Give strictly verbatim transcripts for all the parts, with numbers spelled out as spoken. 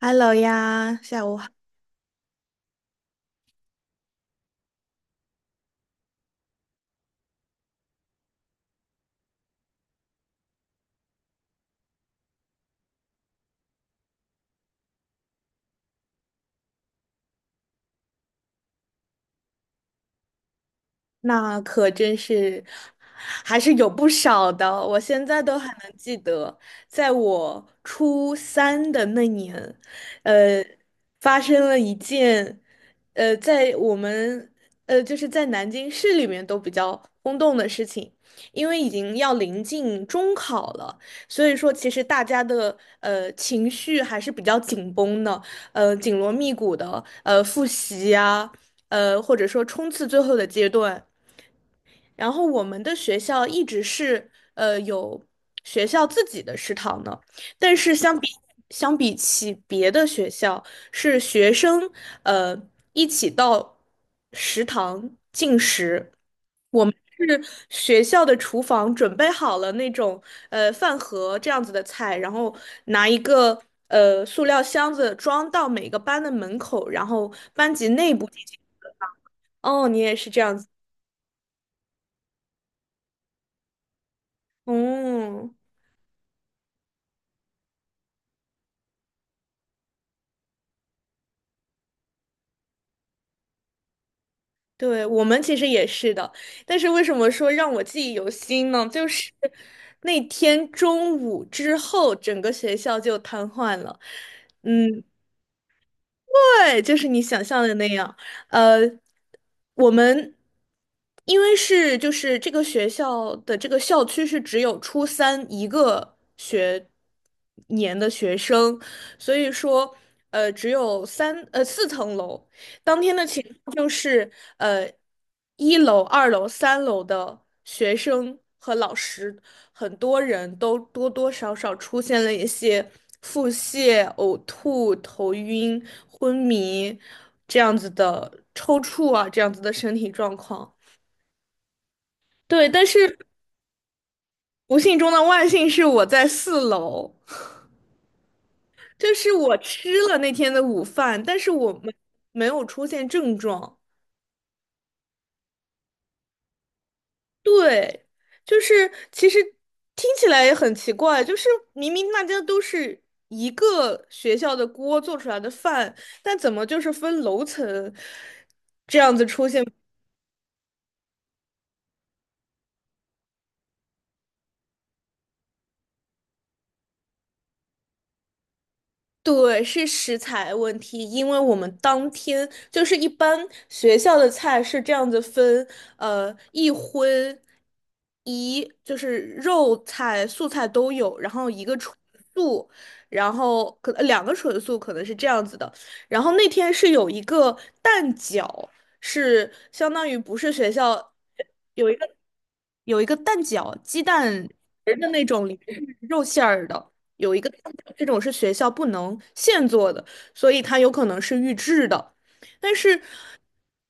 Hello 呀，下午那可真是还是有不少的，我现在都还能记得，在我初三的那年，呃，发生了一件，呃，在我们呃就是在南京市里面都比较轰动的事情，因为已经要临近中考了，所以说其实大家的呃情绪还是比较紧绷的，呃，紧锣密鼓的呃复习呀、呃，或者说冲刺最后的阶段。然后我们的学校一直是呃有学校自己的食堂呢，但是相比相比起别的学校，是学生呃一起到食堂进食，是学校的厨房准备好了那种呃饭盒这样子的菜，然后拿一个呃塑料箱子装到每个班的门口，然后班级内部进行。哦，你也是这样子。哦，对，我们其实也是的，但是为什么说让我记忆犹新呢？就是那天中午之后，整个学校就瘫痪了。嗯，对，就是你想象的那样。呃，我们因为是就是这个学校的这个校区是只有初三一个学年的学生，所以说呃只有三呃四层楼。当天的情况就是，呃，一楼、二楼、三楼的学生和老师，很多人都多多少少出现了一些腹泻、呕吐、头晕、昏迷这样子的抽搐啊，这样子的身体状况。对，但是不幸中的万幸是我在四楼，就是我吃了那天的午饭，但是我们没有出现症状。对，就是其实听起来也很奇怪，就是明明大家都是一个学校的锅做出来的饭，但怎么就是分楼层这样子出现？对，是食材问题，因为我们当天就是一般学校的菜是这样子分，呃，一荤一就是肉菜、素菜都有，然后一个纯素，然后可能两个纯素可能是这样子的。然后那天是有一个蛋饺，是相当于不是学校有一个。有一个蛋饺，鸡蛋仁儿的那种，里面是肉馅儿的。有一个蛋饺，这种是学校不能现做的，所以它有可能是预制的。但是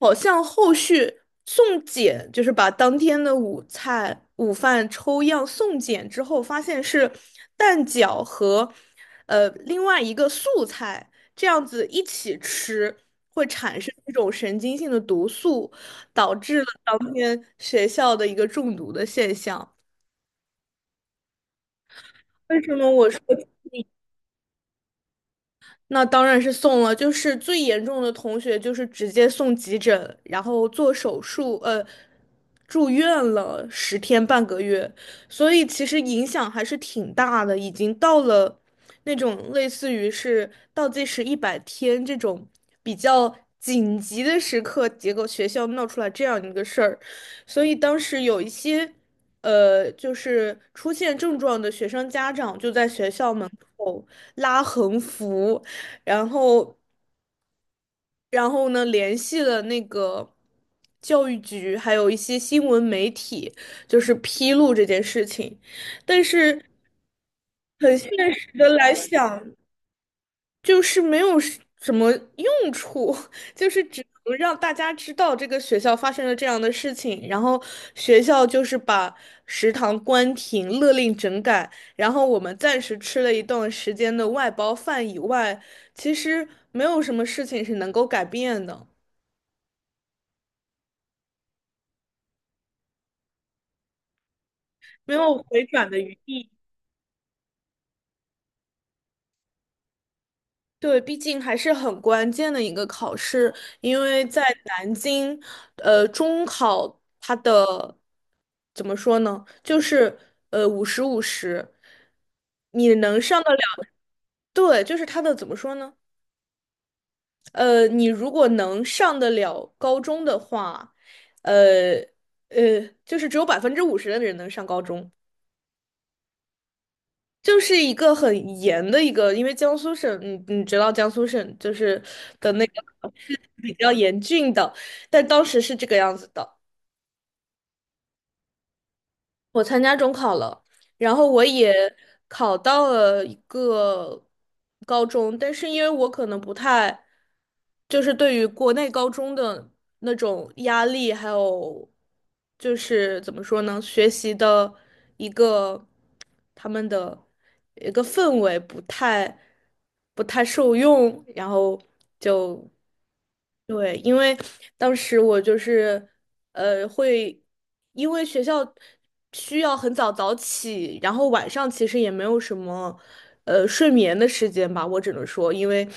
好像后续送检，就是把当天的午餐、午饭抽样送检之后，发现是蛋饺和呃另外一个素菜这样子一起吃，会产生一种神经性的毒素。导致了当天学校的一个中毒的现象。为什么我说？那当然是送了，就是最严重的同学就是直接送急诊，然后做手术，呃，住院了十天半个月，所以其实影响还是挺大的，已经到了那种类似于是倒计时一百天这种比较紧急的时刻，结果学校闹出来这样一个事儿，所以当时有一些。呃，就是出现症状的学生家长就在学校门口拉横幅，然后，然后呢，联系了那个教育局，还有一些新闻媒体，就是披露这件事情。但是很现实的来想，就是没有什什么用处，就是只能让大家知道这个学校发生了这样的事情，然后学校就是把食堂关停，勒令整改。然后我们暂时吃了一段时间的外包饭以外，其实没有什么事情是能够改变的。没有回转的余地。对，毕竟还是很关键的一个考试，因为在南京，呃，中考它的怎么说呢，就是呃五十五十，你能上得了。对，就是它的怎么说呢，呃，你如果能上得了高中的话，呃呃，就是只有百分之五十的人能上高中，就是一个很严的一个，因为江苏省，你你知道江苏省就是的那个是比较严峻的，但当时是这个样子的。我参加中考了，然后我也考到了一个高中，但是因为我可能不太，就是对于国内高中的那种压力，还有就是怎么说呢，学习的一个他们的一个氛围不太不太受用，然后就。对，因为当时我就是，呃，会因为学校需要很早早起，然后晚上其实也没有什么，呃，睡眠的时间吧，我只能说，因为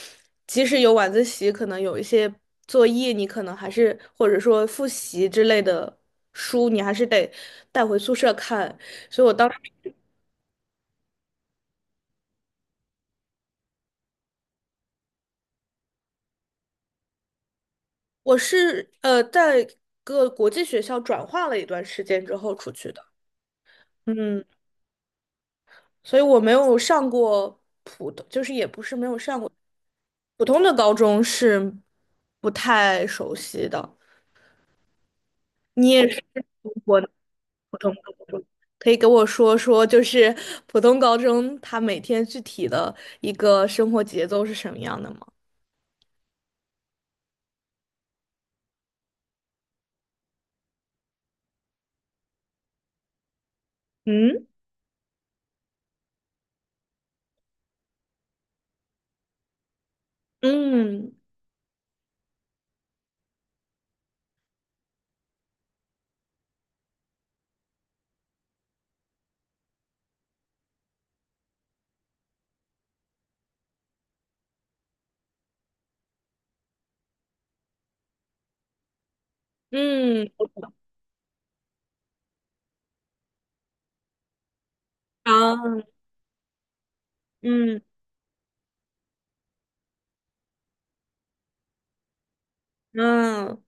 即使有晚自习，可能有一些作业，你可能还是或者说复习之类的书，你还是得带回宿舍看。所以我当时我是呃，在各国际学校转化了一段时间之后出去的。嗯。所以我没有上过普通，就是也不是没有上过普通的高中是不太熟悉的。你也是读国普通高中，可以给我说说，就是普通高中他每天具体的一个生活节奏是什么样的吗？嗯。嗯。嗯啊。嗯嗯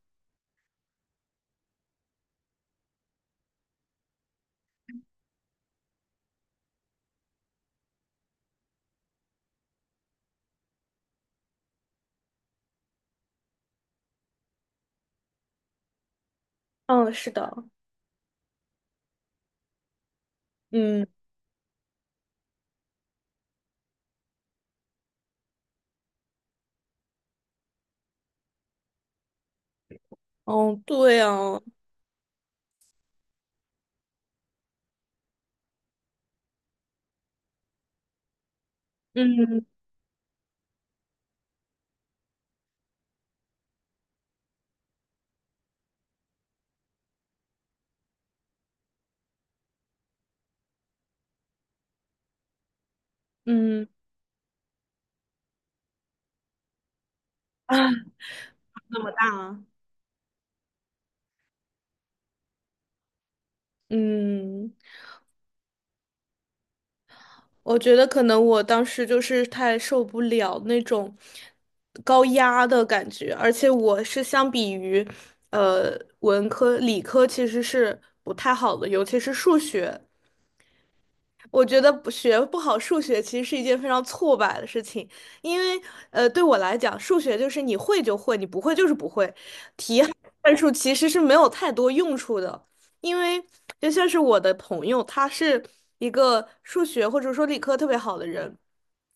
嗯，是的。嗯。哦对哦。嗯嗯啊。好大啊。嗯。我觉得可能我当时就是太受不了那种高压的感觉，而且我是相比于呃文科、理科其实是不太好的，尤其是数学。我觉得不学不好数学其实是一件非常挫败的事情，因为呃对我来讲，数学就是你会就会，你不会就是不会，题海数其实是没有太多用处的。因为就像是我的朋友，他是一个数学或者说理科特别好的人，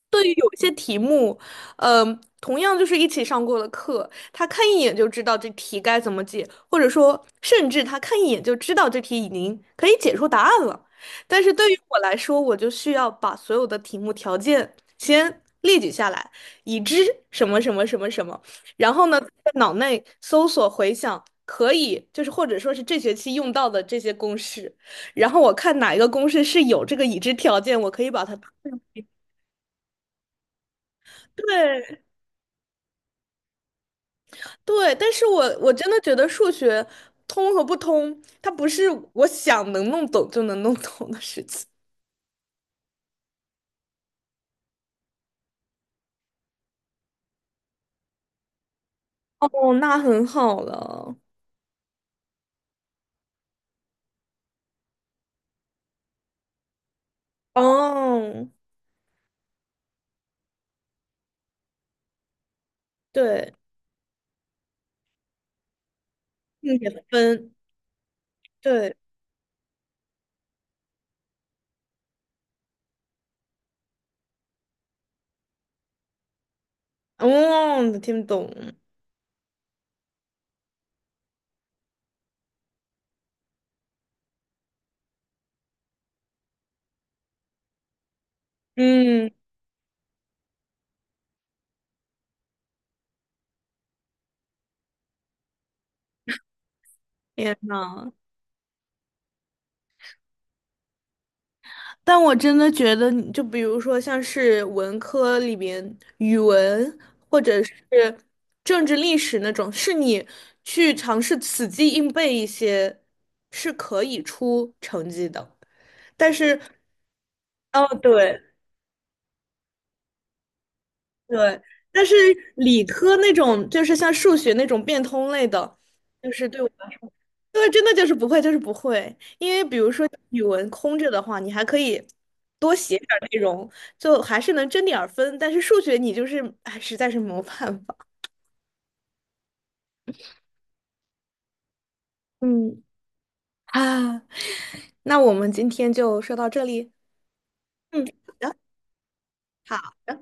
对于有一些题目，嗯、同样就是一起上过的课，他看一眼就知道这题该怎么解，或者说，甚至他看一眼就知道这题已经可以解出答案了。但是对于我来说，我就需要把所有的题目条件先列举下来，已知什么什么什么什么，然后呢，在脑内搜索回想可以，就是或者说是这学期用到的这些公式，然后我看哪一个公式是有这个已知条件，我可以把它。对。对，但是我我真的觉得数学通和不通，它不是我想能弄懂就能弄懂的事情。哦，那很好了。哦，对，并且分。对。哦，听不懂。嗯。天呐。但我真的觉得就比如说像是文科里边语文或者是政治历史那种，是你去尝试死记硬背一些，是可以出成绩的。但是，哦，对。对，但是理科那种就是像数学那种变通类的，就是对我来说，对，真的就是不会，就是不会。因为比如说语文空着的话，你还可以多写点儿内容，就还是能争点儿分。但是数学你就是，哎，实在是没有办法。嗯。啊，那我们今天就说到这里。嗯，好的，好的。